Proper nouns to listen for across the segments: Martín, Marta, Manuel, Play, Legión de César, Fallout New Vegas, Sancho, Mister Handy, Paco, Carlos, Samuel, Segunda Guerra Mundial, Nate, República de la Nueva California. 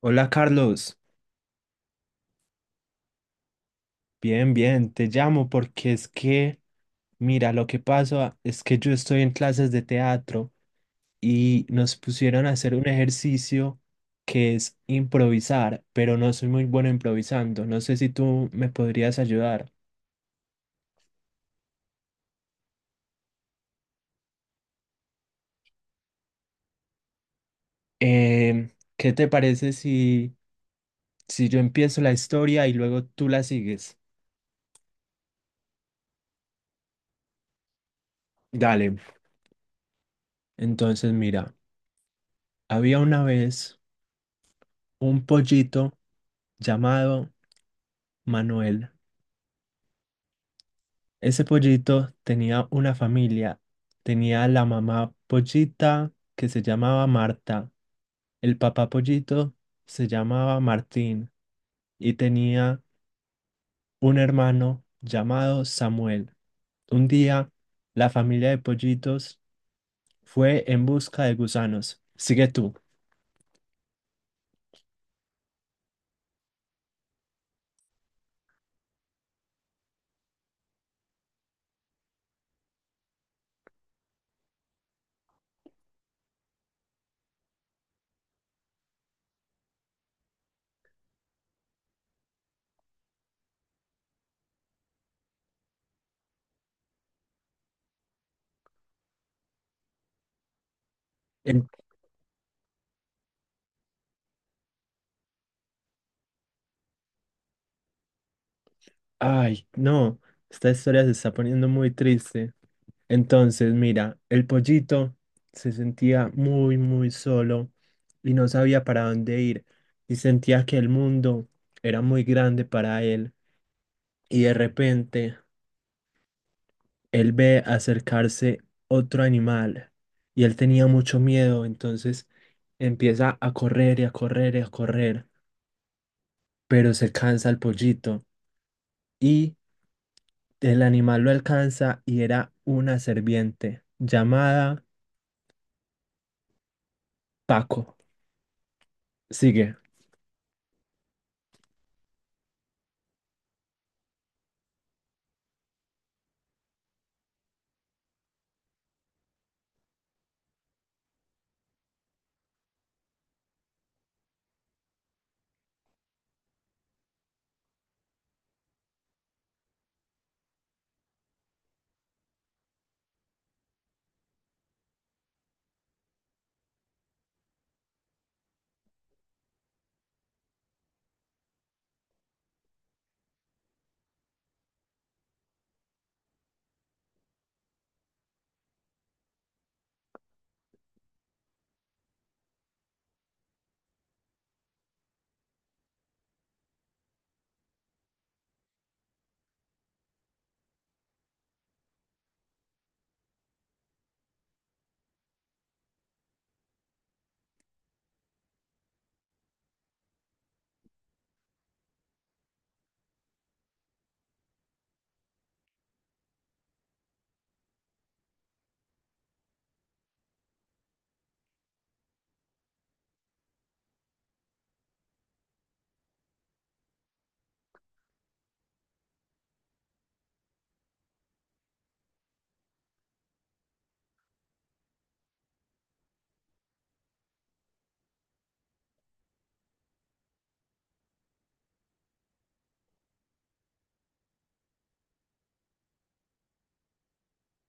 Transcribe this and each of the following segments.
Hola Carlos, bien, bien, te llamo porque es que, mira, lo que pasa es que yo estoy en clases de teatro y nos pusieron a hacer un ejercicio que es improvisar, pero no soy muy bueno improvisando. No sé si tú me podrías ayudar. Em, ¿Qué te parece si, si yo empiezo la historia y luego tú la sigues? Dale. Entonces, mira, había una vez un pollito llamado Manuel. Ese pollito tenía una familia. Tenía la mamá pollita que se llamaba Marta. El papá pollito se llamaba Martín y tenía un hermano llamado Samuel. Un día, la familia de pollitos fue en busca de gusanos. Sigue tú. En- Ay, no, esta historia se está poniendo muy triste. Entonces, mira, el pollito se sentía muy, muy solo y no sabía para dónde ir y sentía que el mundo era muy grande para él. Y de repente, él ve acercarse otro animal y él tenía mucho miedo, entonces empieza a correr y a correr y a correr, pero se cansa el pollito y el animal lo alcanza y era una serpiente llamada Paco. Sigue.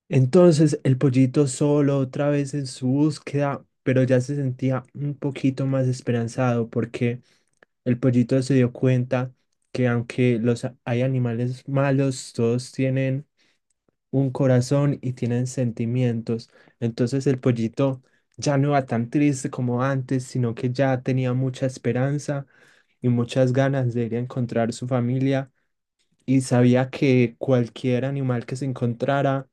Entonces el pollito solo otra vez en su búsqueda, pero ya se sentía un poquito más esperanzado porque el pollito se dio cuenta que aunque hay animales malos, todos tienen un corazón y tienen sentimientos. Entonces el pollito ya no era tan triste como antes, sino que ya tenía mucha esperanza y muchas ganas de ir a encontrar su familia y sabía que cualquier animal que se encontrara,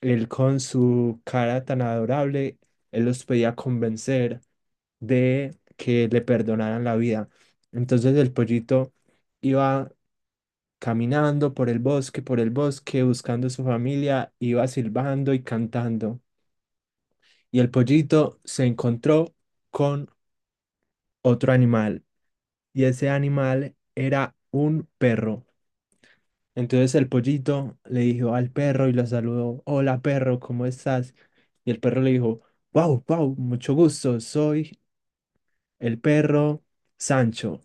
él con su cara tan adorable, él los podía convencer de que le perdonaran la vida. Entonces el pollito iba caminando por el bosque, buscando a su familia, iba silbando y cantando. Y el pollito se encontró con otro animal, y ese animal era un perro. Entonces el pollito le dijo al perro y lo saludó: hola perro, ¿cómo estás? Y el perro le dijo: wow, wow, mucho gusto, soy el perro Sancho.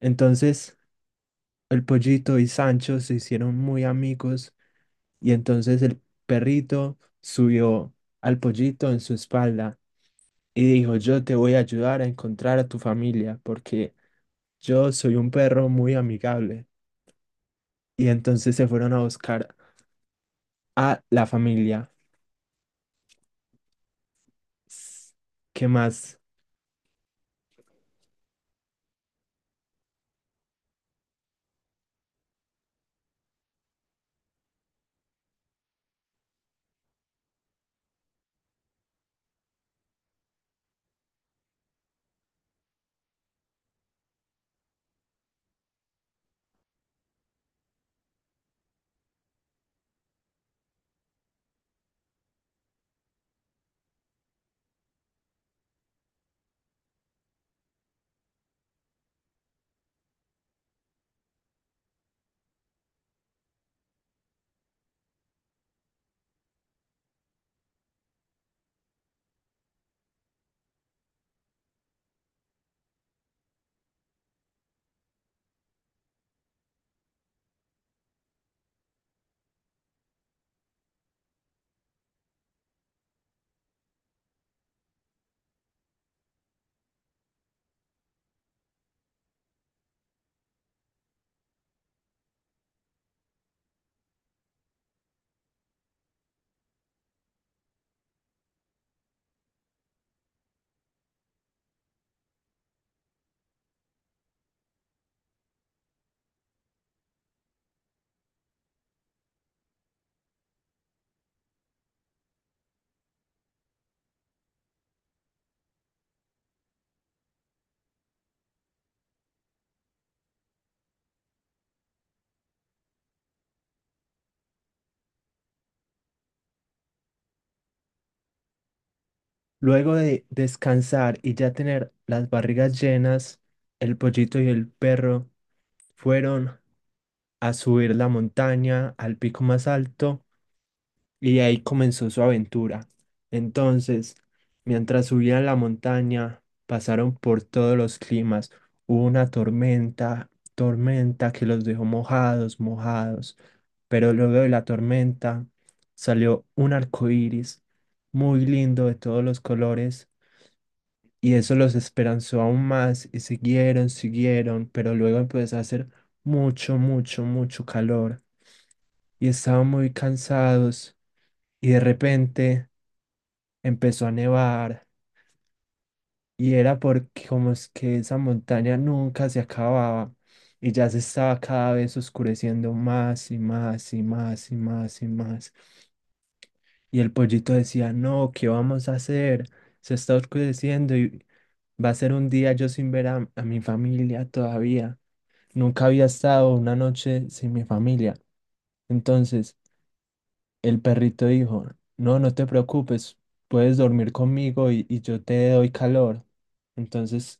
Entonces el pollito y Sancho se hicieron muy amigos y entonces el perrito subió al pollito en su espalda y dijo: yo te voy a ayudar a encontrar a tu familia porque yo soy un perro muy amigable. Y entonces se fueron a buscar a la familia. S- ¿Qué más? Luego de descansar y ya tener las barrigas llenas, el pollito y el perro fueron a subir la montaña al pico más alto y ahí comenzó su aventura. Entonces, mientras subían la montaña, pasaron por todos los climas. Hubo una tormenta, tormenta que los dejó mojados, mojados. Pero luego de la tormenta salió un arco iris muy lindo de todos los colores. Y eso los esperanzó aún más y siguieron, siguieron, pero luego empezó a hacer mucho, mucho, mucho calor y estaban muy cansados y de repente empezó a nevar y era porque como es que esa montaña nunca se acababa y ya se estaba cada vez oscureciendo más y más y más y más y más. Y el pollito decía: no, ¿qué vamos a hacer? Se está oscureciendo y va a ser un día yo sin ver a mi familia todavía. Nunca había estado una noche sin mi familia. Entonces, el perrito dijo: no, no te preocupes, puedes dormir conmigo y yo te doy calor. Entonces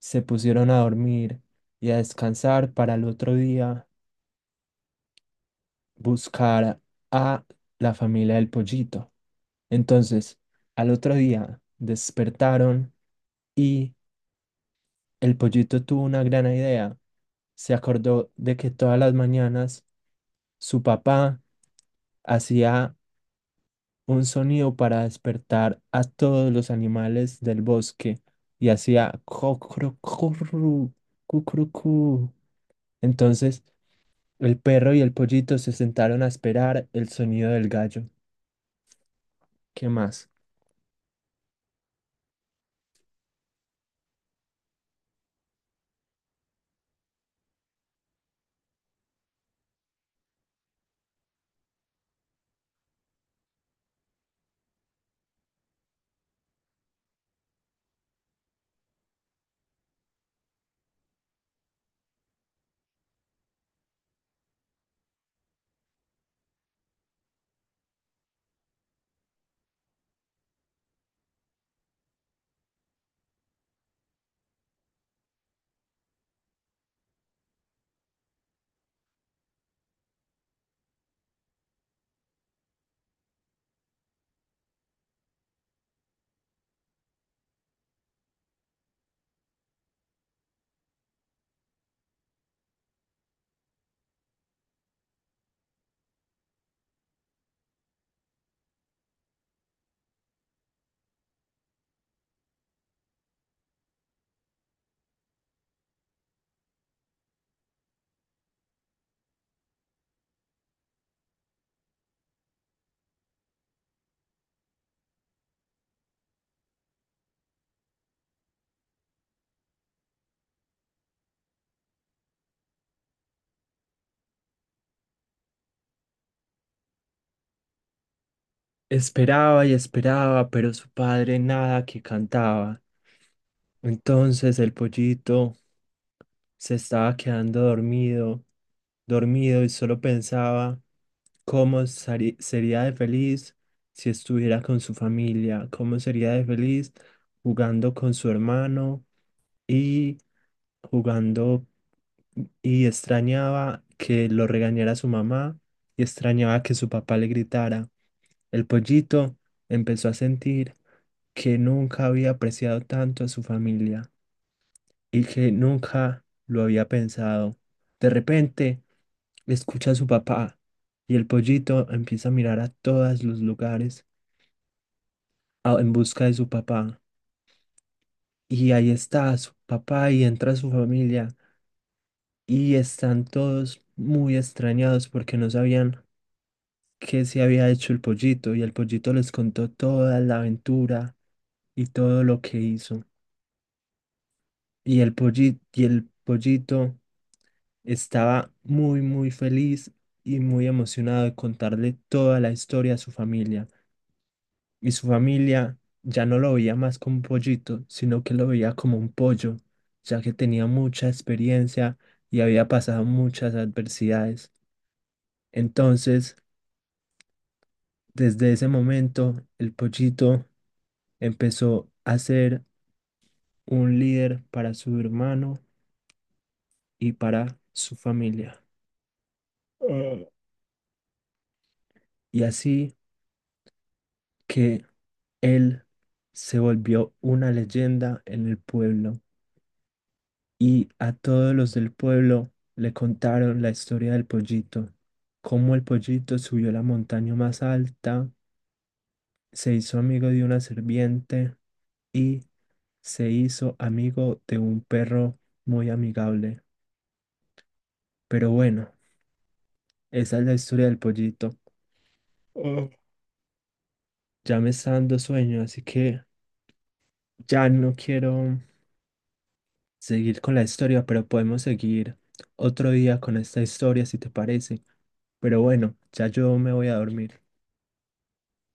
se pusieron a dormir y a descansar para el otro día buscar a la familia del pollito. Entonces, al otro día despertaron y el pollito tuvo una gran idea. Se acordó de que todas las mañanas su papá hacía un sonido para despertar a todos los animales del bosque y hacía cocrocorru, cucrucú. Entonces el perro y el pollito se sentaron a esperar el sonido del gallo. ¿Qué más? Esperaba y esperaba, pero su padre nada que cantaba. Entonces el pollito se estaba quedando dormido, dormido y solo pensaba cómo sería de feliz si estuviera con su familia, cómo sería de feliz jugando con su hermano y jugando y extrañaba que lo regañara su mamá y extrañaba que su papá le gritara. El pollito empezó a sentir que nunca había apreciado tanto a su familia y que nunca lo había pensado. De repente, escucha a su papá y el pollito empieza a mirar a todos los lugares en busca de su papá. Y ahí está su papá y entra su familia y están todos muy extrañados porque no sabían qué se había hecho el pollito y el pollito les contó toda la aventura y todo lo que hizo. Y el pollito estaba muy, muy feliz y muy emocionado de contarle toda la historia a su familia. Y su familia ya no lo veía más como un pollito, sino que lo veía como un pollo, ya que tenía mucha experiencia y había pasado muchas adversidades. Entonces, desde ese momento, el pollito empezó a ser un líder para su hermano y para su familia. Ah. Y así que él se volvió una leyenda en el pueblo y a todos los del pueblo le contaron la historia del pollito, cómo el pollito subió la montaña más alta, se hizo amigo de una serpiente y se hizo amigo de un perro muy amigable. Pero bueno, esa es la historia del pollito. Oh. Ya me está dando sueño, así que ya no quiero seguir con la historia, pero podemos seguir otro día con esta historia si te parece. Pero bueno, ya yo me voy a dormir.